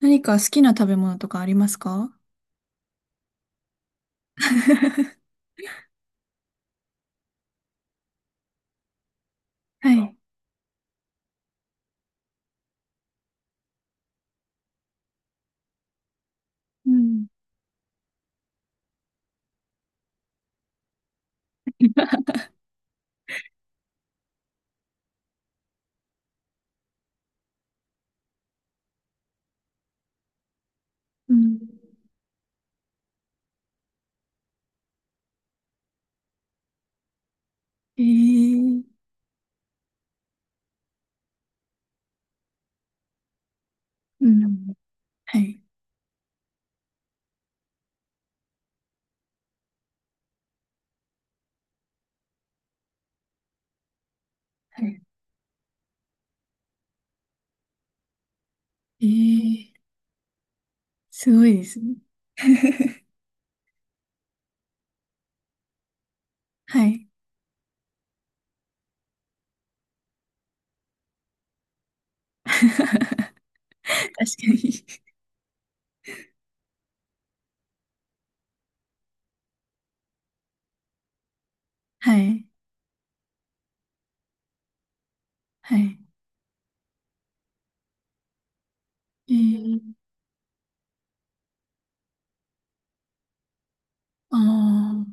何か好きな食べ物とかありますか？ はい。うん。うん。えー、うん。はい。はい。えー、すごいですね。はい。確かに。はい。はい。えー、あー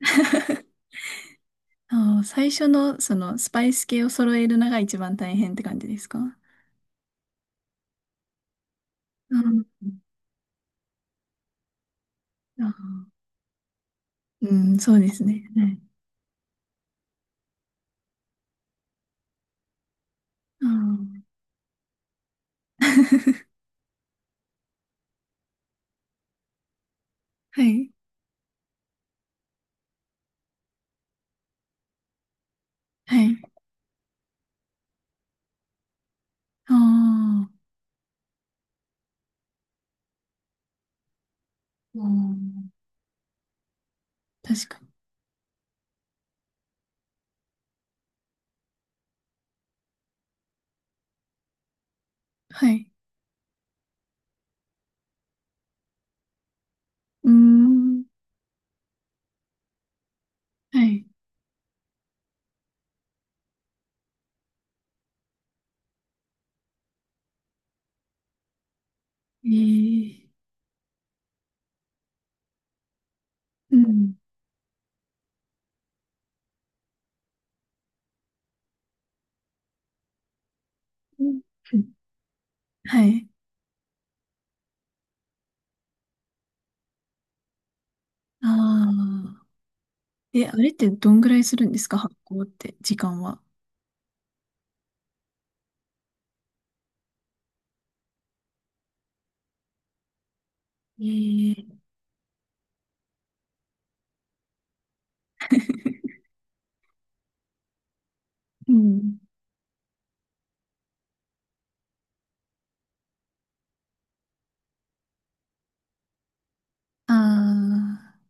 あー、最初のそのスパイス系を揃えるのが一番大変って感じですか？うん。あーうん、そうですね。はい。あー はい。はい。ああ、うん。確かに。はい。うーん。はい。ええうん。うんはい。ああ。え、あれってどんぐらいするんですか？発行って、時間は。ええうん。ああ、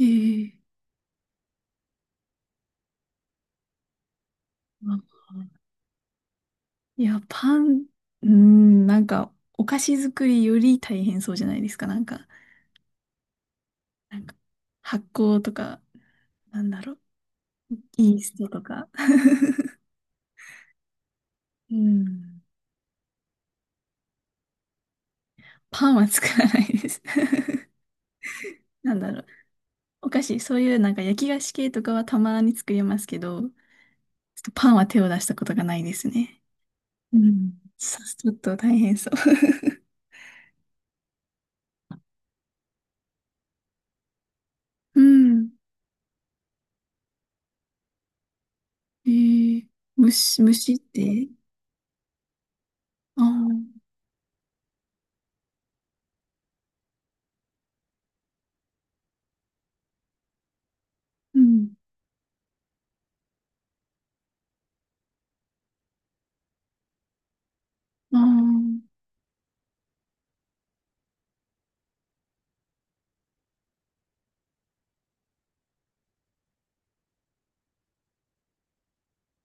ええあーいや、パン、うん、なんか、お菓子作りより大変そうじゃないですか。なんか発酵とか、なんだろう、イーストとか。うん。パンは作らないです。なんだろう。お菓子、そういうなんか焼き菓子系とかはたまに作りますけど、ちょっとパンは手を出したことがないですね。うん。ちょっと大変そう。うん。えー、虫って、ああー、うん。ああ、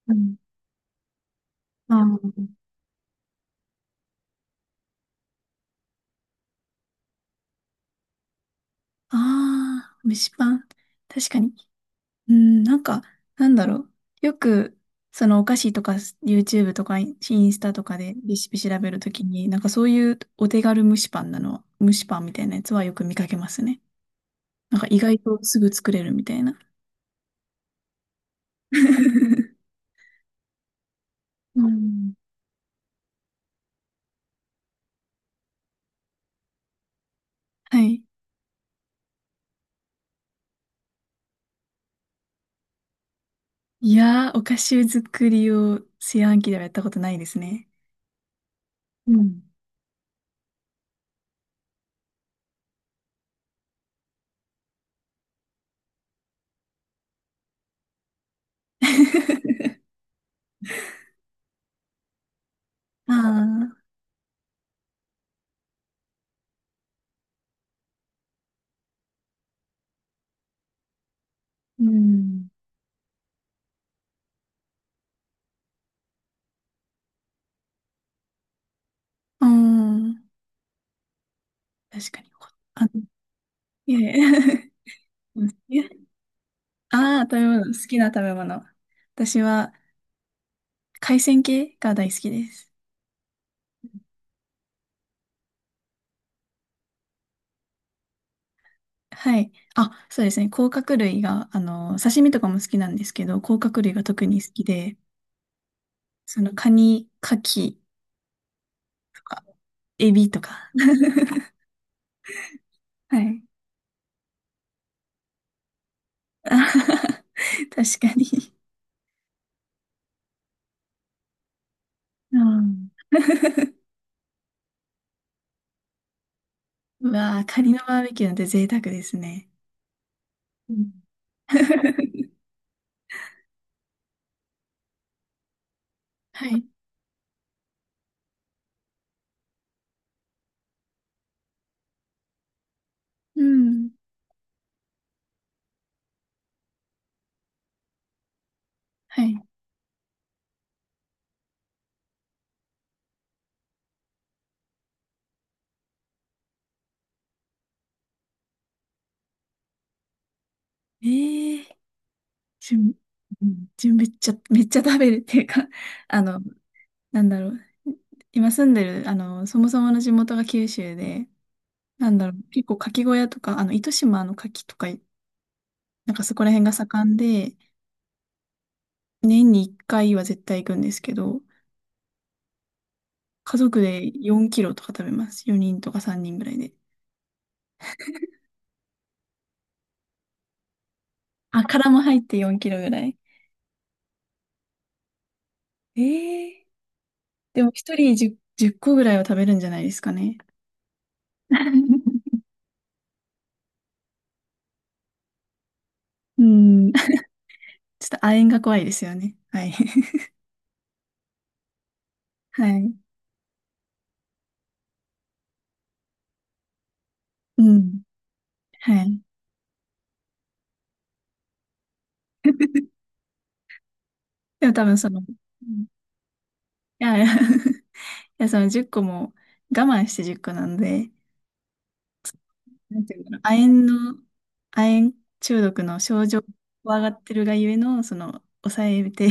うん。ああ、ああ、蒸しパン。確かに。うん、なんか、なんだろう。よく、そのお菓子とか YouTube とかインスタとかでレシピ調べるときに、なんかそういうお手軽蒸しパンなの、蒸しパンみたいなやつはよく見かけますね。なんか意外とすぐ作れるみたいな。うん。はい。いやー、お菓子作りを炊飯器ではやったことないですね。うん。ああ、うん。うん。確かに。あ、いやいや。うん。ああ、食べ物、好きな食べ物。私は海鮮系が大好きです。はい。あ、そうですね。甲殻類が、刺身とかも好きなんですけど、甲殻類が特に好きで、そのカニ、カキとか、エビとか。はい。あはは確かに。うん。うわあ、カニのバーベキューなんて贅沢ですね。うん はい。うん。はい。ええー、じゅん、うんじゅんめっちゃ、めっちゃ食べるっていうか、あの、なんだろう。今住んでる、そもそもの地元が九州で、なんだろう、結構牡蠣小屋とか、糸島の牡蠣とか、なんかそこら辺が盛んで、年に1回は絶対行くんですけど、家族で4キロとか食べます。4人とか3人ぐらいで。あ、殻も入って4キロぐらい。ええでも1人10、個ぐらいは食べるんじゃないですかね。うん。ちょっと亜鉛が怖いですよね。はい。はい。うん。はい。でも多分その、うんいやいやや、その10個も我慢して10個なんで、なんていうんだろう、亜鉛中毒の症状を怖がってるがゆえの、その、抑えて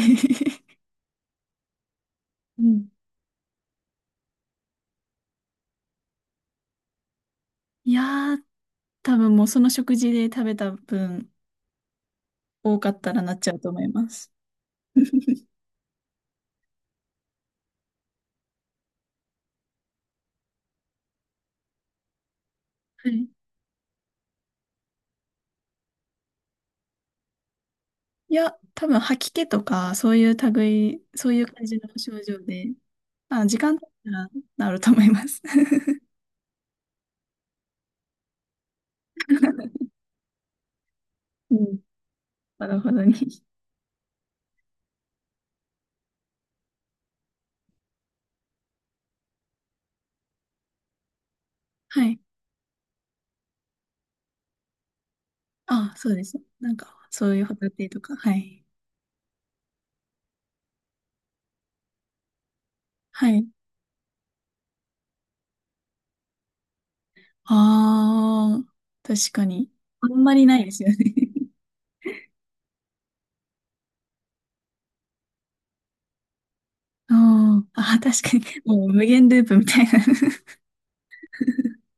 うん。いやー、多分もうその食事で食べた分多かったらなっちゃうと思います。はい。いや、多分吐き気とか、そういう類、そういう感じの症状で、まあ、時間経ったら治ると思います。うん。ほどほどに。はい。あ、そうです。なんか、そういうホタテとか、はい。はい。ああ、確かに。あんまりないですよね。あーあー、確かに。もう無限ループみたいな。